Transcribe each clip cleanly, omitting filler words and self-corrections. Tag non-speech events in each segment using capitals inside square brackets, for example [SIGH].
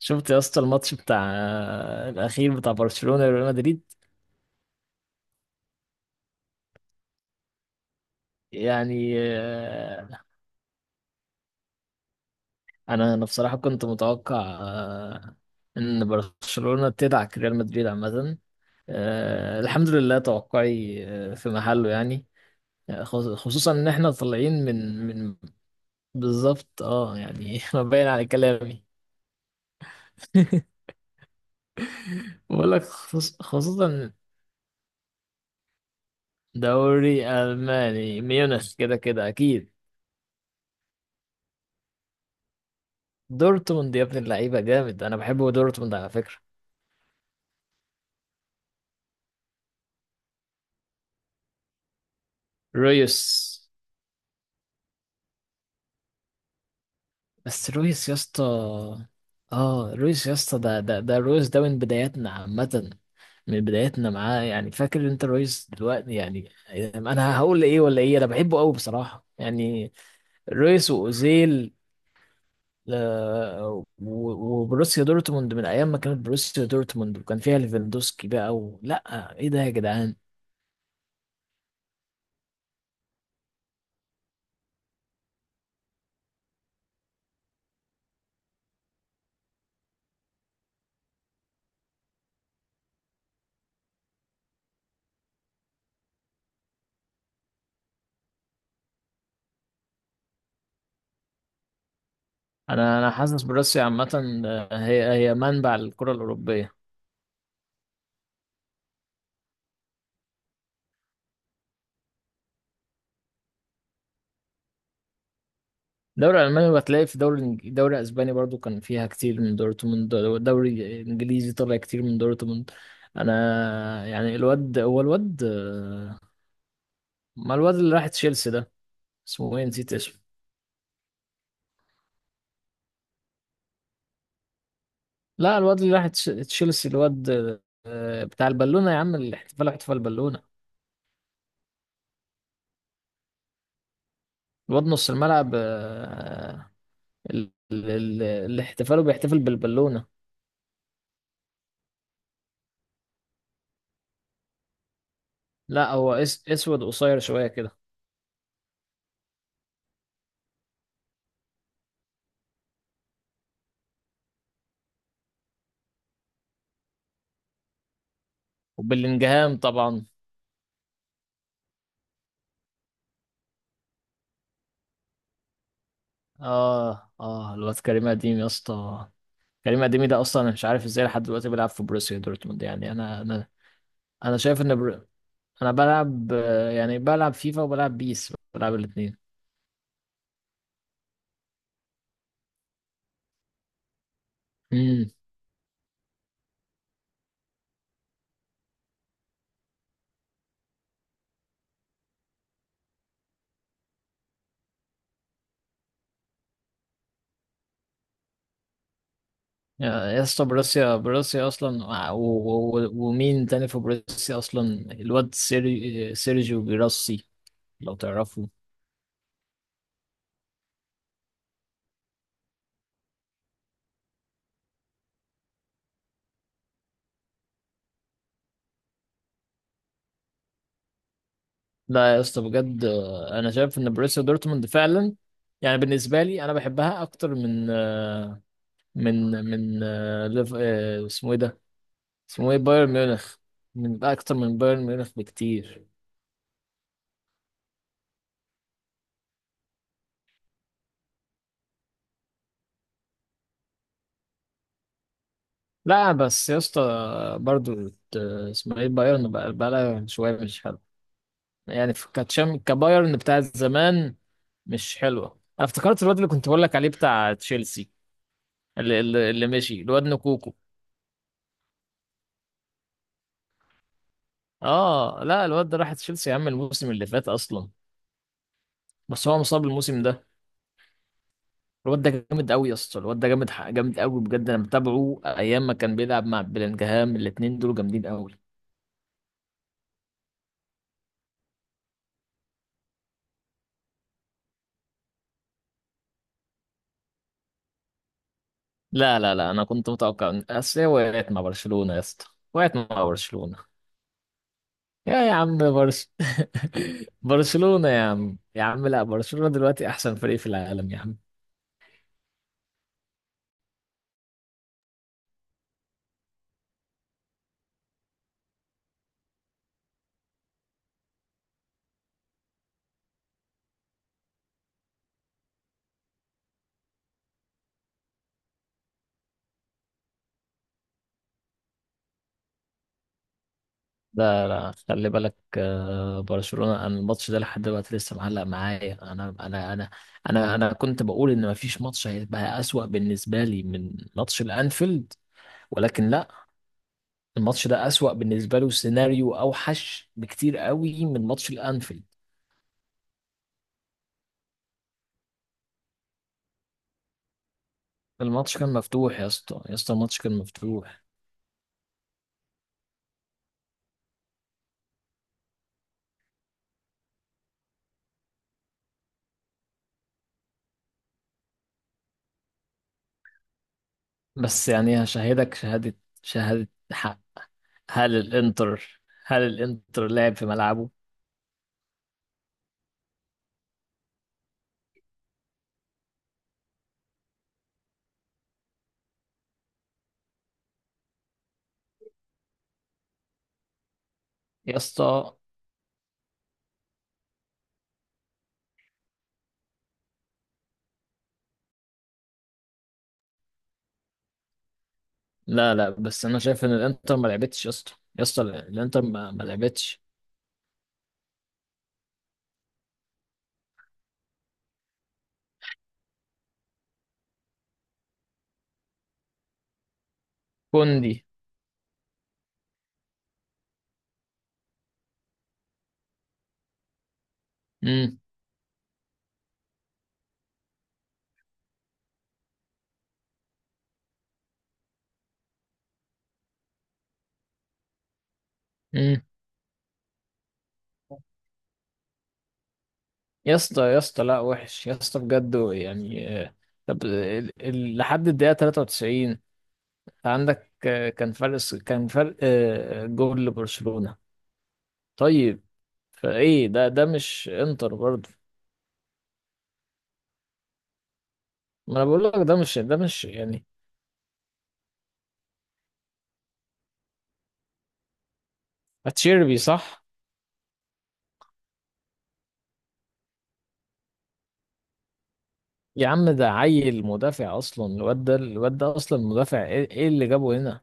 شفت يا اسطى الماتش بتاع الاخير بتاع برشلونة وريال مدريد؟ يعني انا بصراحة كنت متوقع آه، ان برشلونة تدعك ريال مدريد عامة. الحمد لله توقعي في محله يعني. خصوصا ان احنا طالعين من بالظبط. اه يعني [LAUGHS] ما باين على كلامي. [LAUGHS] بقول لك خصوصا دوري الماني ميونخ كده كده اكيد. دورتموند يا ابن اللعيبه جامد، انا بحب دورتموند على فكره. رويس. بس رويس يا اسطى، اه رويس يا اسطى ده رويس ده من بداياتنا عامه. من بداياتنا معاه يعني، فاكر انت رويس دلوقتي يعني؟ انا هقول ايه ولا ايه، انا بحبه قوي بصراحه يعني. رويس واوزيل آه، و- وبروسيا دورتموند من ايام ما كانت بروسيا دورتموند وكان فيها ليفاندوسكي بقى لا، ايه ده يا جدعان؟ انا حاسس بروسيا عامه هي منبع الكره الاوروبيه. الدوري الالماني، بتلاقي في دوري اسباني برضو كان فيها كتير من دورتموند. دوري انجليزي طلع كتير من دورتموند. انا يعني الواد، هو الواد ما الواد اللي راح تشيلسي ده، اسمه ايه؟ نسيت اسمه. لا الواد اللي راح تشيلسي، الواد بتاع البالونه يا عم، الاحتفال، احتفال بالونه. الواد نص الملعب، اللي احتفاله بيحتفل بالبالونه. لا هو اسود قصير شويه كده. وبلينجهام طبعا. اه الواد كريم اديم يا اسطى. كريم اديمي ده اصلا انا مش عارف ازاي لحد دلوقتي بيلعب في بروسيا دورتموند يعني، انا. انا شايف ان برو... انا بلعب يعني بلعب فيفا وبلعب بيس، بلعب الاثنين. امم. يا اسطى، بروسيا اصلا ومين تاني في بروسيا اصلا؟ الواد سيرجيو جيراسي، لو تعرفه. لا يا اسطى، بجد انا شايف ان بروسيا دورتموند فعلا، يعني بالنسبه لي انا بحبها اكتر من اسمه ايه ده؟ اسمه ايه، بايرن ميونخ؟ من اكتر من بايرن ميونخ بكتير. لا بس يا اسطى، برضو ت- اسمه ايه، بايرن بقى؟ بقى شويه مش حلو يعني، كتشام كبايرن بتاعت زمان، مش حلوه. انا افتكرت الواد اللي كنت بقول لك عليه بتاع تشيلسي، اللي مشي، الواد نكوكو. اه لا، الواد ده راح تشيلسي يا عم الموسم اللي فات اصلا. بس هو مصاب الموسم ده. الواد ده جامد قوي يا اسطى، الواد ده جامد قوي بجد. انا متابعه ايام ما كان بيلعب مع بلينجهام، الاتنين دول جامدين قوي. لا لا لا، انا كنت متوقع، ان اصل هي وقعت مع برشلونة يا اسطى. وقعت مع برشلونة. يا عم برش. [LAUGHS] برشلونة يا عم، يا عم لا، برشلونة دلوقتي احسن فريق في العالم يا عم. لا لا، خلي بالك برشلونة، انا الماتش ده لحد دلوقتي لسه معلق معايا. انا كنت بقول ان مفيش ماتش هيبقى اسوأ بالنسبة لي من ماتش الانفيلد، ولكن لا. الماتش ده أسوأ بالنسبة له، سيناريو أوحش بكتير قوي من ماتش الأنفيلد. الماتش كان مفتوح يا اسطى، يا اسطى الماتش كان مفتوح. بس يعني هشهدك شهادة، شهادة حق. هل الإنتر لعب في ملعبه؟ يا اسطى لا لا، بس أنا شايف إن الإنتر ما لعبتش يا اسطى، يا اسطى الإنتر ما لعبتش. كوندي. امم. امم. يا اسطى يا اسطى لا، وحش يا اسطى بجد يعني طب لحد الدقيقة 93 عندك كان فرق جول لبرشلونة. طيب، فايه ده مش انتر برضه؟ ما انا بقول لك، ده مش يعني. اتشيربي صح؟ يا عم ده عيل مدافع اصلا، الواد ده اصلا مدافع، إيه اللي جابه هنا؟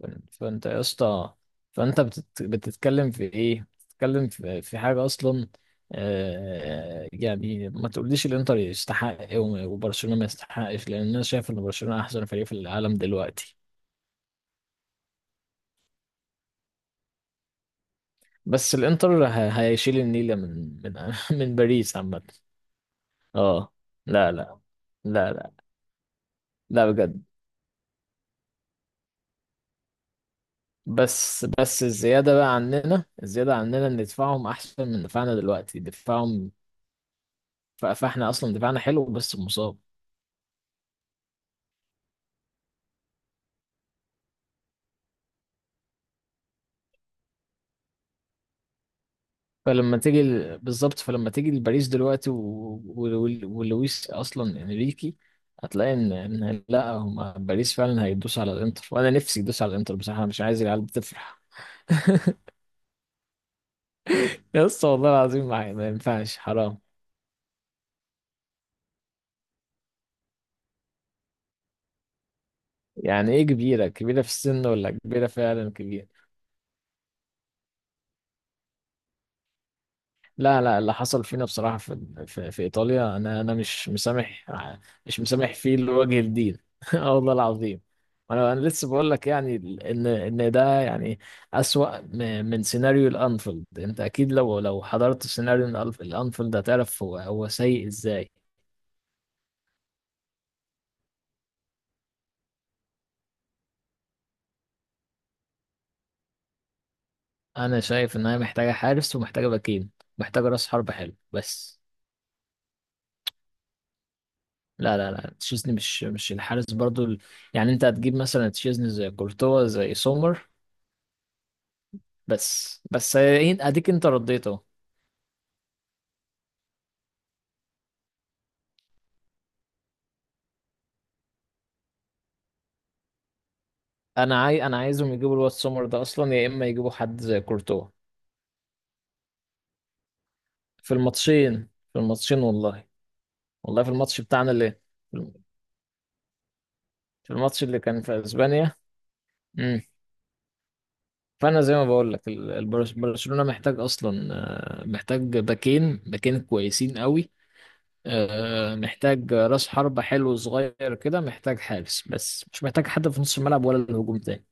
فانت يا اسطى، فانت بتتكلم في ايه؟ بتتكلم في حاجة اصلا؟ يعني ما تقوليش الانتر يستحق وبرشلونة ما يستحقش، لان انا شايف ان برشلونة احسن فريق في العالم دلوقتي. بس الانتر هيشيل النيلة من [LAUGHS] من باريس عامة. اه لا لا لا. لا لا. بجد. بس الزيادة بقى عننا، الزيادة عننا ان دفاعهم احسن من دفاعنا دلوقتي، دفاعهم. فاحنا اصلا دفاعنا حلو بس مصاب. بالظبط، فلما تيجي لباريس دلوقتي و... و... ولويس اصلا انريكي، هتلاقي ان لا، هم باريس فعلا هيدوس على الانتر، وانا نفسي يدوس على الانتر بصراحة، أنا مش عايز العيال بتفرح. [LAUGHS] يا اسطى، والله العظيم ما ينفعش، حرام. يعني ايه كبيرة، كبيرة في السن ولا كبيرة فعلا كبيرة؟ لا لا، اللي حصل فينا بصراحة في ايطاليا، انا مش مسامح، مش مسامح فيه لوجه الدين. [LAUGHS] اه والله العظيم. انا لسه بقول لك يعني ان ده يعني اسوأ من سيناريو الانفيلد. انت اكيد لو حضرت سيناريو الانفيلد هتعرف هو سيء ازاي. انا شايف ان هي محتاجة حارس، ومحتاجة باكين، محتاجة راس حربة حلو بس. لا لا لا، تشيزني، مش الحارس برضو يعني انت هتجيب مثلا تشيزني زي كورتوا زي سومر؟ بس اديك انت رديت اهو. انا عايزهم يجيبوا الواد سومر ده اصلا، يا اما يجيبوا حد زي كورتوا. في الماتشين، في الماتشين والله، والله في الماتش بتاعنا اللي، في الماتش اللي كان في اسبانيا. امم. فانا زي ما بقول لك، برشلونة محتاج اصلا محتاج باكين، باكين كويسين قوي. محتاج راس حربة حلو صغير كده، محتاج حارس بس، مش محتاج حد في نص الملعب ولا الهجوم تاني.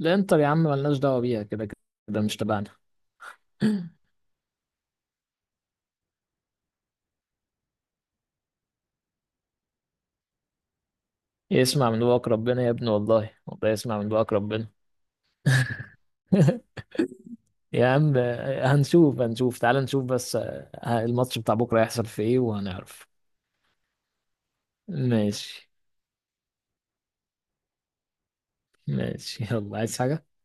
الانتر يا عم ملناش دعوة بيها، كده كده مش تبعنا. [CLEARS THROAT] [LAUGHS] يسمع من بقك ربنا يا ابني، والله والله يسمع من بقك ربنا. [LAUGHS] يا عم هنشوف هنشوف، تعال نشوف بس الماتش بتاع بكرة هيحصل في ايه وهنعرف. ماشي. ماشي يلا، عايز حاجة؟